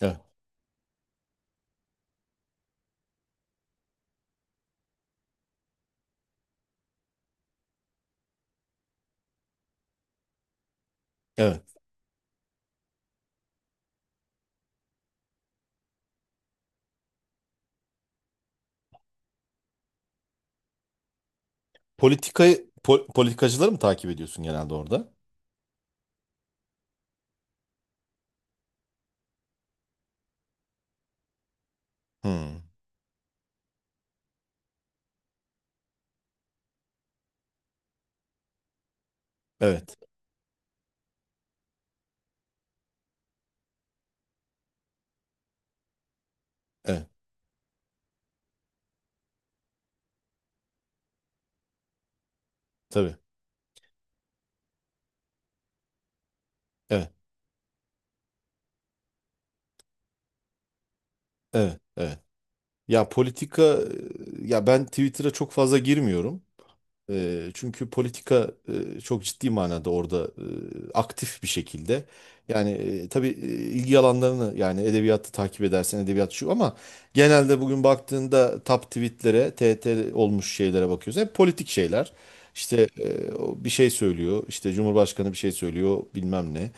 Evet. Evet. Politikacıları mı takip ediyorsun genelde orada? Hmm. Evet. Evet. Tabii. Evet. Evet. Evet. Ya ya ben Twitter'a çok fazla girmiyorum. Çünkü çok ciddi manada orada aktif bir şekilde. Yani tabii ilgi alanlarını, yani edebiyatı takip edersen edebiyat şu, ama genelde bugün baktığında top tweetlere, T T olmuş şeylere bakıyoruz. Hep politik şeyler. İşte o bir şey söylüyor, işte Cumhurbaşkanı bir şey söylüyor bilmem ne.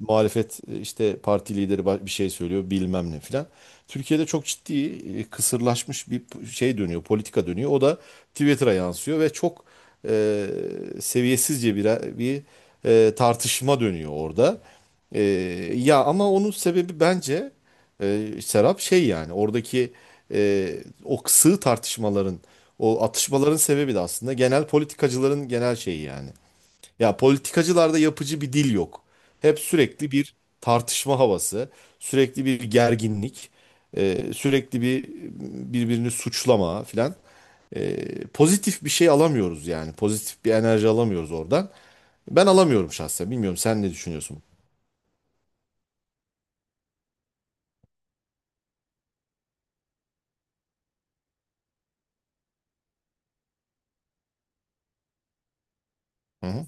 Muhalefet, işte parti lideri bir şey söylüyor bilmem ne filan. Türkiye'de çok ciddi, kısırlaşmış bir şey dönüyor, politika dönüyor. O da Twitter'a yansıyor ve çok e, seviyesizce bir tartışma dönüyor orada. Ee, Ya ama onun sebebi bence, Serap, şey yani, oradaki o sığ tartışmaların, o atışmaların sebebi de aslında genel politikacıların genel şeyi yani. Ya politikacılarda yapıcı bir dil yok. Hep sürekli bir tartışma havası, sürekli bir gerginlik, sürekli bir birbirini suçlama filan. Pozitif bir şey alamıyoruz yani. Pozitif bir enerji alamıyoruz oradan. Ben alamıyorum şahsen. Bilmiyorum, sen ne düşünüyorsun? Hı hı.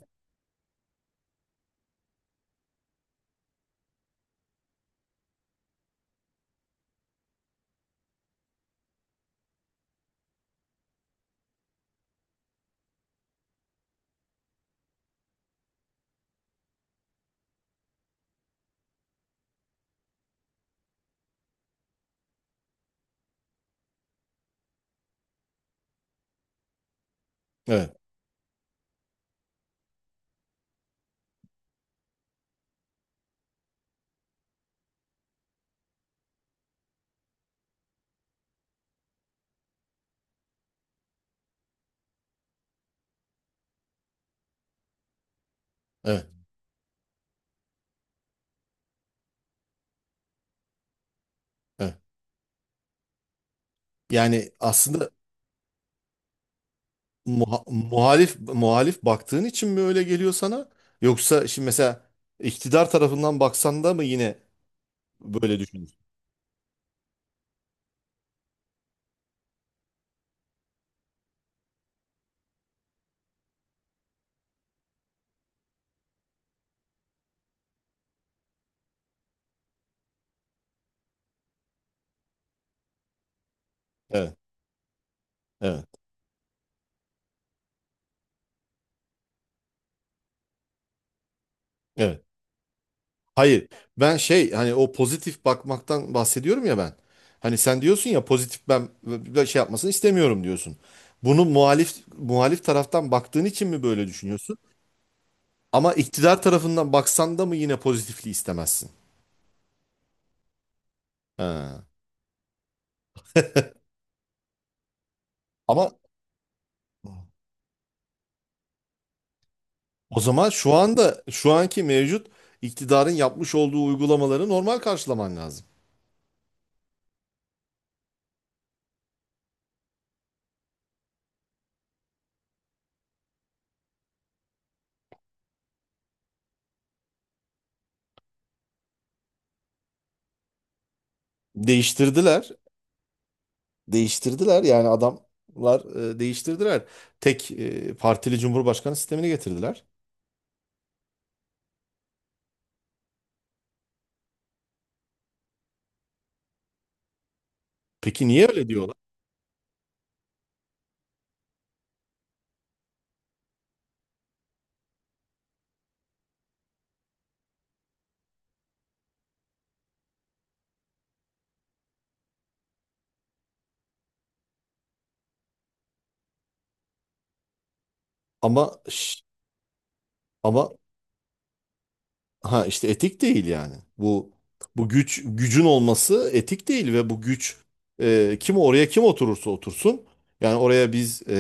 Evet. Evet. Heh. Yani aslında muhalif muhalif baktığın için mi öyle geliyor sana? Yoksa şimdi mesela iktidar tarafından baksan da mı yine böyle düşünüyorsun? Evet, evet, evet. Hayır, ben şey, hani o pozitif bakmaktan bahsediyorum ya ben. Hani sen diyorsun ya, pozitif ben böyle şey yapmasını istemiyorum diyorsun. Bunu muhalif muhalif taraftan baktığın için mi böyle düşünüyorsun? Ama iktidar tarafından baksan da mı yine pozitifliği istemezsin? Ha. Ama O zaman şu anda şu anki mevcut iktidarın yapmış olduğu uygulamaları normal karşılaman lazım. Değiştirdiler. Değiştirdiler yani adamlar e, değiştirdiler. Tek e, partili cumhurbaşkanı sistemini getirdiler. Peki niye öyle diyorlar? Ama şş, ama ha işte etik değil yani. Bu güç, gücün olması etik değil ve bu güç, kim oraya, kim oturursa otursun, yani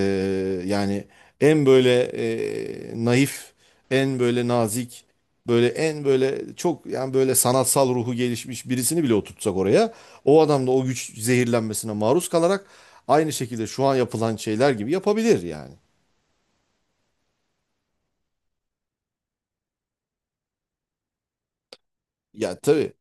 yani en böyle, naif, en böyle nazik, böyle en böyle çok, yani böyle sanatsal ruhu gelişmiş birisini bile oturtsak oraya, o adam da o güç zehirlenmesine maruz kalarak aynı şekilde şu an yapılan şeyler gibi yapabilir yani. Ya tabii,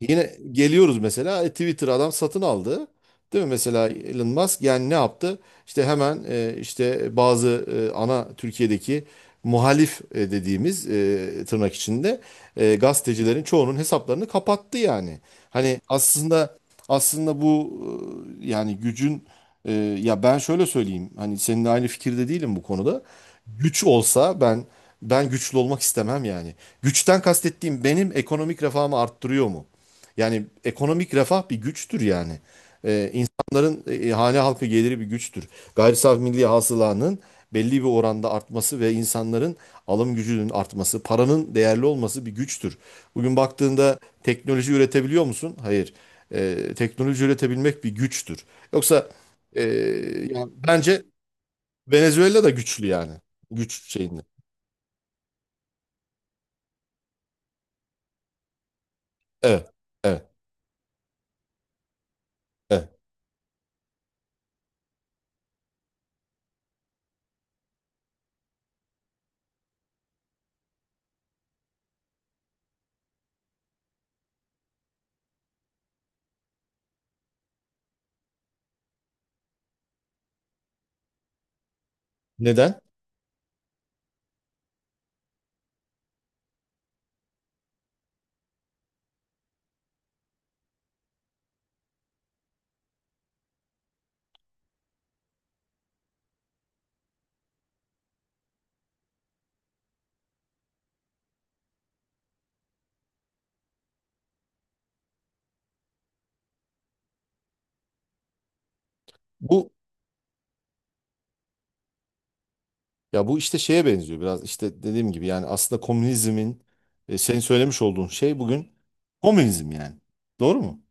yine geliyoruz. Mesela Twitter, adam satın aldı. Değil mi? Mesela Elon Musk yani ne yaptı? İşte hemen işte bazı ana Türkiye'deki muhalif, dediğimiz, tırnak içinde, gazetecilerin çoğunun hesaplarını kapattı yani. Hani aslında, aslında bu, yani gücün e, ya ben şöyle söyleyeyim. Hani seninle aynı fikirde değilim bu konuda. Güç olsa ben güçlü olmak istemem yani. Güçten kastettiğim, benim ekonomik refahımı arttırıyor mu? Yani ekonomik refah bir güçtür yani. İnsanların hane halkı geliri bir güçtür. Gayri safi milli hasılanın belli bir oranda artması ve insanların alım gücünün artması, paranın değerli olması bir güçtür. Bugün baktığında teknoloji üretebiliyor musun? Hayır. Teknoloji üretebilmek bir güçtür. Yoksa e, yani bence Venezuela da güçlü yani. Güç şeyinde. Evet, evet, evet. Neden? Bu, ya bu işte şeye benziyor biraz, işte dediğim gibi, yani aslında komünizmin, senin söylemiş olduğun şey bugün komünizm yani. Doğru mu?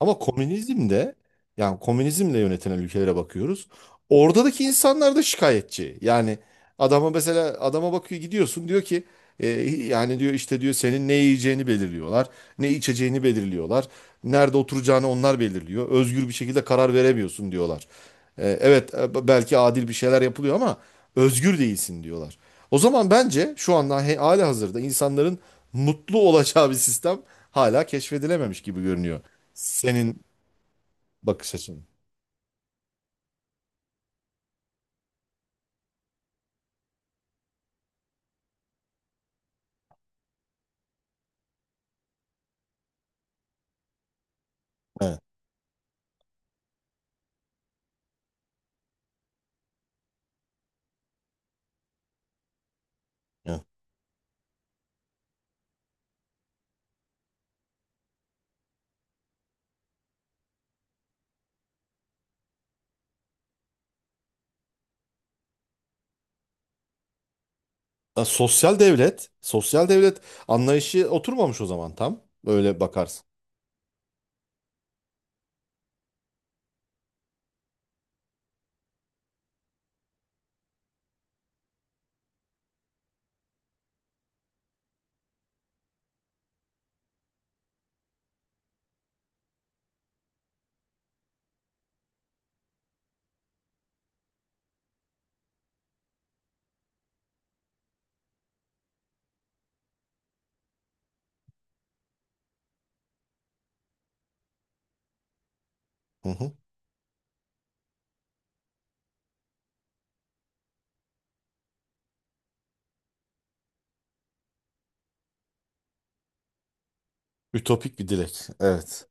Ama komünizmde, yani komünizmle yönetilen ülkelere bakıyoruz. Oradaki insanlar da şikayetçi. Yani adama, mesela adama bakıyor gidiyorsun, diyor ki e, yani diyor işte, diyor senin ne yiyeceğini belirliyorlar. Ne içeceğini belirliyorlar. Nerede oturacağını onlar belirliyor. Özgür bir şekilde karar veremiyorsun, diyorlar. Evet, belki adil bir şeyler yapılıyor ama özgür değilsin, diyorlar. O zaman bence şu anda hali hazırda insanların mutlu olacağı bir sistem hala keşfedilememiş gibi görünüyor. Senin bakış açın. Evet. Evet. Ya sosyal devlet, sosyal devlet anlayışı oturmamış o zaman tam. Öyle bakarsın. Hı hı. Ütopik bir dilek. Evet.